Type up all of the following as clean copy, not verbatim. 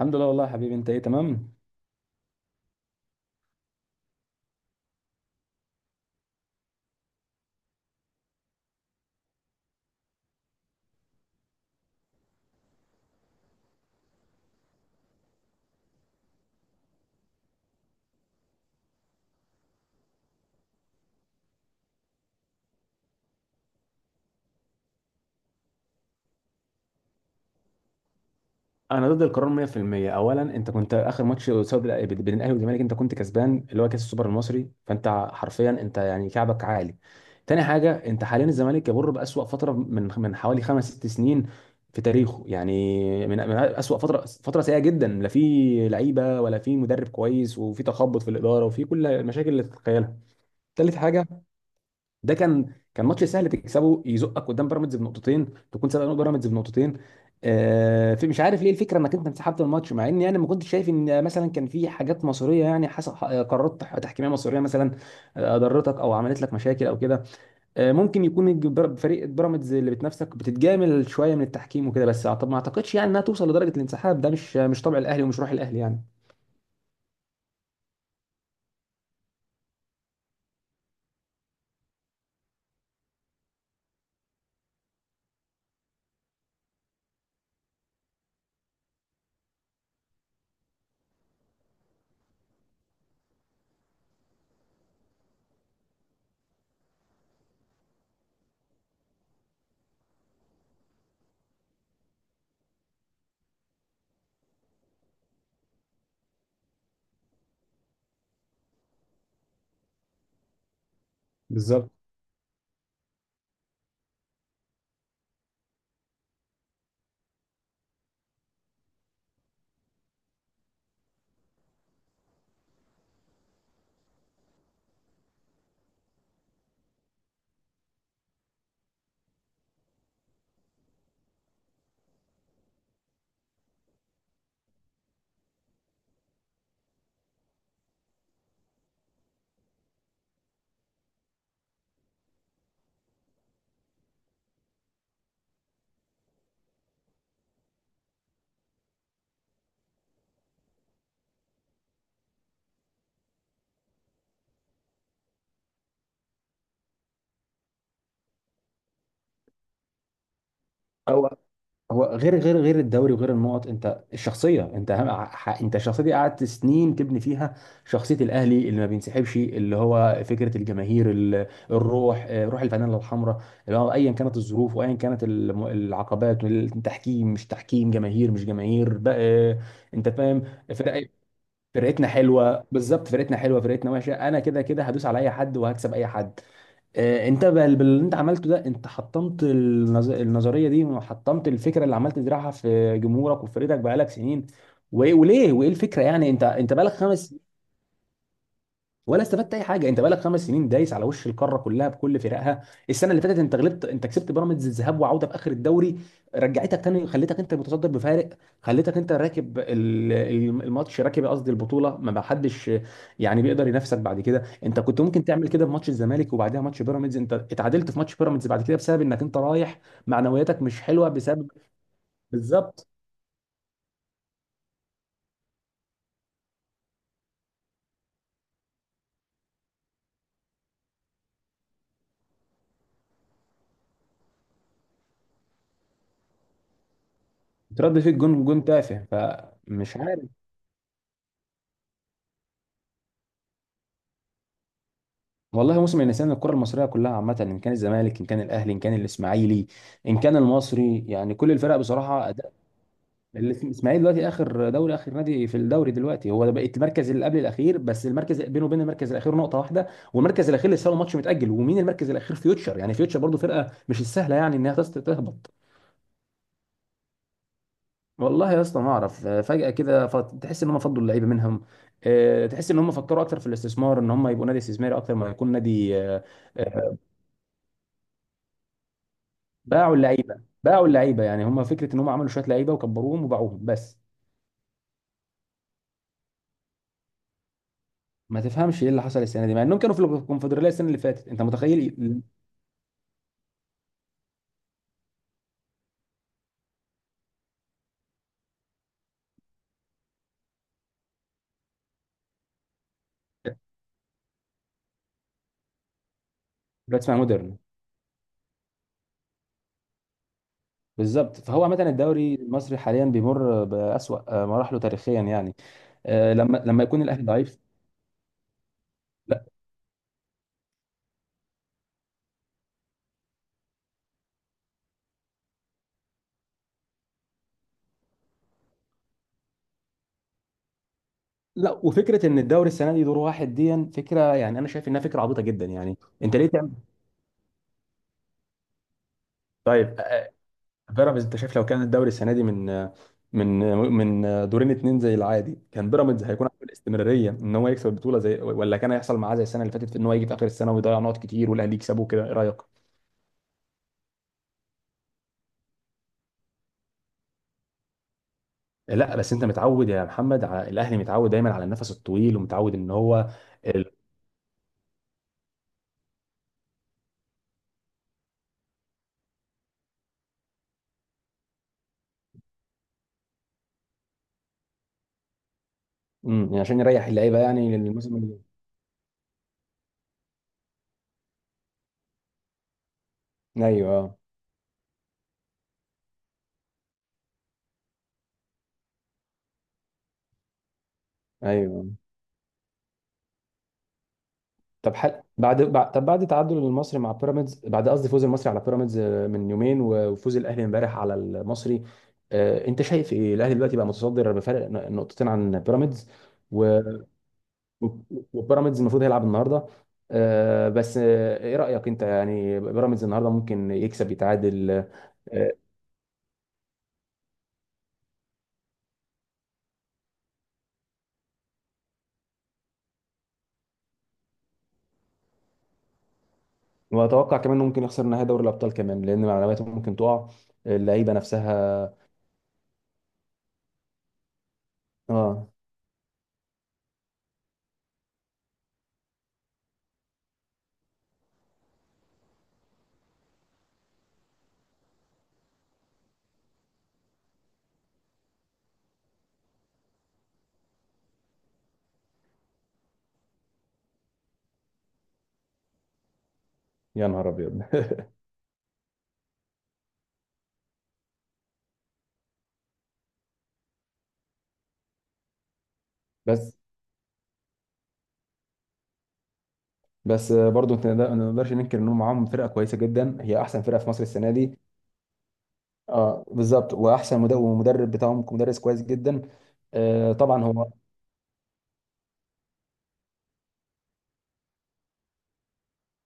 الحمد لله، والله يا حبيبي، انت ايه؟ تمام. انا ضد القرار 100%. اولا، انت كنت اخر ماتش قصاد بين الاهلي والزمالك، انت كنت كسبان اللي هو كاس السوبر المصري. فانت حرفيا انت يعني كعبك عالي. تاني حاجه، انت حاليا الزمالك يمر باسوا فتره من حوالي خمس ست سنين في تاريخه. يعني من اسوا فتره، فتره سيئه جدا، لا في لعيبه ولا في مدرب كويس، وفي تخبط في الاداره، وفي كل المشاكل اللي تتخيلها. تالت حاجه، ده كان ماتش سهل تكسبه، يزقك قدام بيراميدز بنقطتين، تكون سابق بيراميدز بنقطتين. في، مش عارف ليه الفكره انك انت انسحبت من الماتش، مع اني انا ما كنتش شايف ان مثلا كان في حاجات مصيريه. يعني حصل قرارات تحكيميه مصيريه مثلا، ضرتك او عملت لك مشاكل او كده. ممكن يكون فريق بيراميدز اللي بتنافسك بتتجامل شويه من التحكيم وكده، بس ما اعتقدش يعني انها توصل لدرجه الانسحاب. ده مش طبع الاهلي ومش روح الاهلي يعني. بالظبط. او هو غير الدوري وغير النقط، انت الشخصيه، انت اهم انت الشخصيه دي قعدت سنين تبني فيها شخصيه الاهلي، اللي ما بينسحبش، اللي هو فكره الجماهير، الروح، روح الفانيلا الحمراء، اللي هو ايا كانت الظروف وايا كانت العقبات، التحكيم مش تحكيم، جماهير مش جماهير، بقى انت فاهم. فرق- فرقتنا حلوه، بالظبط، فرقتنا حلوه فرقتنا وحشه، انا كده كده هدوس على اي حد وهكسب اي حد. انت باللي انت عملته ده، انت حطمت النظريه دي، وحطمت الفكره اللي عمال تزرعها في جمهورك وفريقك بقالك سنين. وليه؟ وايه الفكره يعني؟ انت بقالك خمس، ولا استفدت اي حاجه. انت بقالك 5 سنين دايس على وش القاره كلها بكل فرقها. السنه اللي فاتت انت غلبت، انت كسبت بيراميدز الذهاب وعوده في اخر الدوري، رجعتك تاني، خليتك انت المتصدر بفارق، خليتك انت راكب الماتش، راكب قصدي البطوله، ما حدش يعني بيقدر ينافسك بعد كده. انت كنت ممكن تعمل كده في ماتش الزمالك وبعدها ماتش بيراميدز، انت اتعادلت في ماتش بيراميدز بعد كده بسبب انك انت رايح معنوياتك مش حلوه بسبب. بالظبط. ترد فيك جون، جون تافه، فمش عارف. والله موسم النسيان، الكرة المصرية كلها عامة، إن كان الزمالك إن كان الأهلي إن كان الإسماعيلي إن كان المصري، يعني كل الفرق بصراحة أداء. الإسماعيلي دلوقتي آخر دوري، آخر نادي في الدوري دلوقتي هو ده، بقت المركز اللي قبل الأخير، بس المركز بينه وبين المركز الأخير نقطة واحدة، والمركز الأخير لسه له ماتش متأجل، ومين المركز الأخير؟ فيوتشر. يعني فيوتشر برضه فرقة مش السهلة يعني إنها تهبط. والله يا اسطى ما أعرف، فجأة كده، تحس إن هم فضلوا اللعيبة منهم، تحس إن هم فكروا أكتر في الاستثمار، إن هم يبقوا نادي استثماري أكتر ما يكون نادي. باعوا اللعيبه، باعوا اللعيبه، يعني هم فكره ان هم عملوا شويه لعيبه وكبروهم وباعوهم بس. ما تفهمش ايه اللي حصل السنه دي، مع انهم كانوا في الكونفدراليه السنه اللي فاتت. انت متخيل دلوقتي اسمها مودرن. بالظبط. فهو عامه الدوري المصري حاليا بيمر باسوا مراحله تاريخيا يعني، لما يكون الاهلي ضعيف. لا، لا، وفكره ان الدوري السنه دي دور واحد، دي فكره يعني، انا شايف انها فكره عبيطه جدا يعني. انت ليه تعمل؟ طيب، بيراميدز انت شايف لو كان الدوري السنه دي من من دورين اتنين زي العادي، كان بيراميدز هيكون عنده الاستمراريه ان هو يكسب البطوله زي، ولا كان هيحصل معاه زي السنه اللي فاتت في ان هو يجي في اخر السنه ويضيع نقط كتير والاهلي يكسبه كده؟ ايه رايك؟ لا بس انت متعود يا محمد على الاهلي، متعود دايما على النفس الطويل ومتعود ان هو ال... عشان يريح اللعيبه يعني للموسم اللي جاي. ايوه. ايوه. طب بعد تعادل المصري مع بيراميدز، بعد قصدي فوز المصري على بيراميدز، من يومين وفوز الاهلي امبارح على المصري. انت شايف ايه؟ الاهلي دلوقتي بقى متصدر بفارق نقطتين عن بيراميدز. و- و- وبيراميدز المفروض هيلعب النهارده. بس ايه رايك انت؟ يعني بيراميدز النهارده ممكن يكسب، يتعادل؟ آه، واتوقع كمان انه ممكن يخسر نهائي دوري الابطال كمان، لان معلوماته ممكن تقع، اللعيبه نفسها. اه. يا نهار ابيض بس بس برضو ما نقدرش ننكر ان هم معاهم فرقه كويسه جدا، هي احسن فرقه في مصر السنه دي. اه، بالظبط، واحسن ومدرب بتاعهم مدرس كويس جدا. طبعا هو.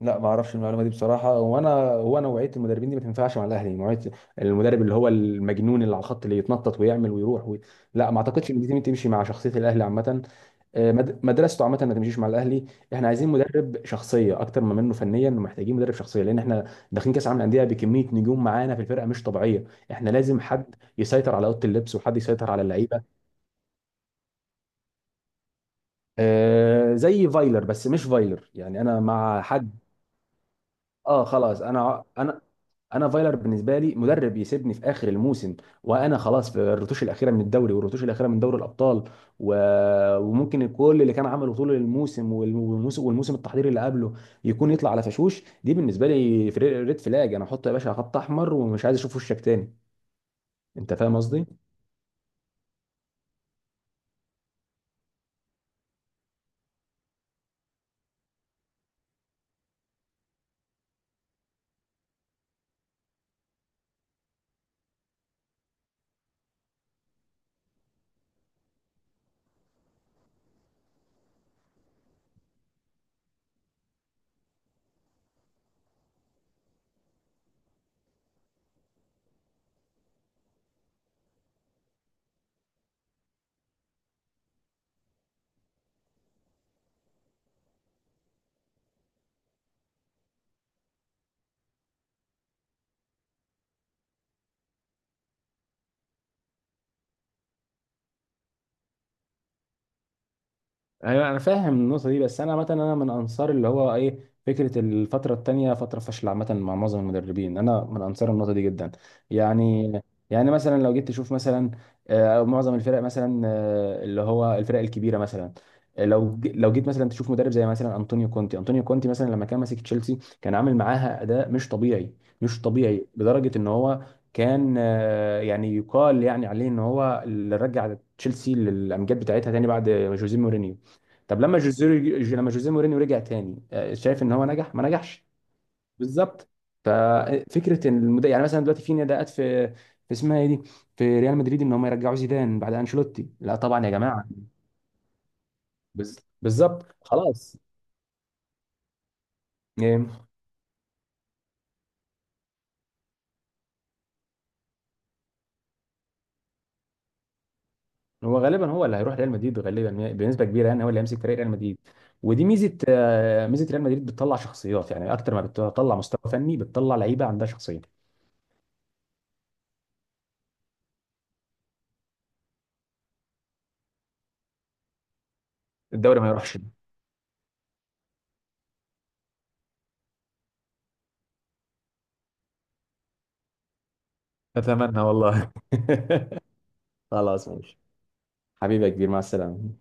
لا ما اعرفش المعلومه دي بصراحه، وانا هو نوعيه المدربين دي ما تنفعش مع الاهلي، نوعيه المدرب اللي هو المجنون اللي على الخط اللي يتنطط ويعمل ويروح لا ما اعتقدش ان دي تمشي مع شخصيه الاهلي عامه. مدرسته عامه ما تمشيش مع الاهلي. احنا عايزين مدرب شخصيه اكتر ما منه فنيا، محتاجين مدرب شخصيه، لان احنا داخلين كاس عالم الانديه بكميه نجوم معانا في الفرقه مش طبيعيه، احنا لازم حد يسيطر على اوضه اللبس وحد يسيطر على اللعيبه. زي فايلر، بس مش فايلر، يعني انا مع حد. اه خلاص، انا فايلر بالنسبه لي مدرب يسيبني في اخر الموسم، وانا خلاص في الرتوش الاخيره من الدوري والرتوش الاخيره من دوري الابطال، و... وممكن كل اللي كان عمله طول الموسم والموسم التحضيري اللي قبله يكون يطلع على فشوش. دي بالنسبه لي ريد فلاج، انا احط يا باشا خط احمر، ومش عايز اشوف وشك تاني. انت فاهم قصدي؟ ايوه، انا فاهم النقطه دي، بس انا مثلا، انا من انصار اللي هو ايه، فكره الفتره التانيه فتره فشل عامه مع معظم المدربين، انا من انصار النقطه دي جدا. يعني يعني مثلا لو جيت تشوف مثلا، معظم الفرق مثلا، اللي هو الفرق الكبيره مثلا، لو لو جيت مثلا تشوف مدرب زي مثلا انطونيو كونتي، انطونيو كونتي مثلا لما كان ماسك تشيلسي كان عامل معاها اداء مش طبيعي، مش طبيعي لدرجه ان هو كان يعني يقال يعني عليه ان هو اللي رجع تشيلسي للامجاد بتاعتها تاني بعد جوزيه مورينيو. طب لما جوزيه، لما جوزيه مورينيو رجع تاني، شايف ان هو نجح ما نجحش؟ بالظبط. ففكره ان يعني مثلا دلوقتي في نداءات في، في اسمها ايه دي، في ريال مدريد، ان هم يرجعوا زيدان بعد انشيلوتي، لا طبعا يا جماعه، بالظبط خلاص. إيه؟ هو غالبا، هو اللي هيروح ريال مدريد غالبا بنسبه كبيره، يعني هو اللي هيمسك فريق ريال مدريد، ودي ميزه ميزه ريال مدريد بتطلع شخصيات يعني اكتر ما بتطلع مستوى فني، بتطلع لعيبه عندها شخصيه. الدوري ما يروحش. اتمنى والله. خلاص ماشي. حبيبي يا كبير، مع السلامة.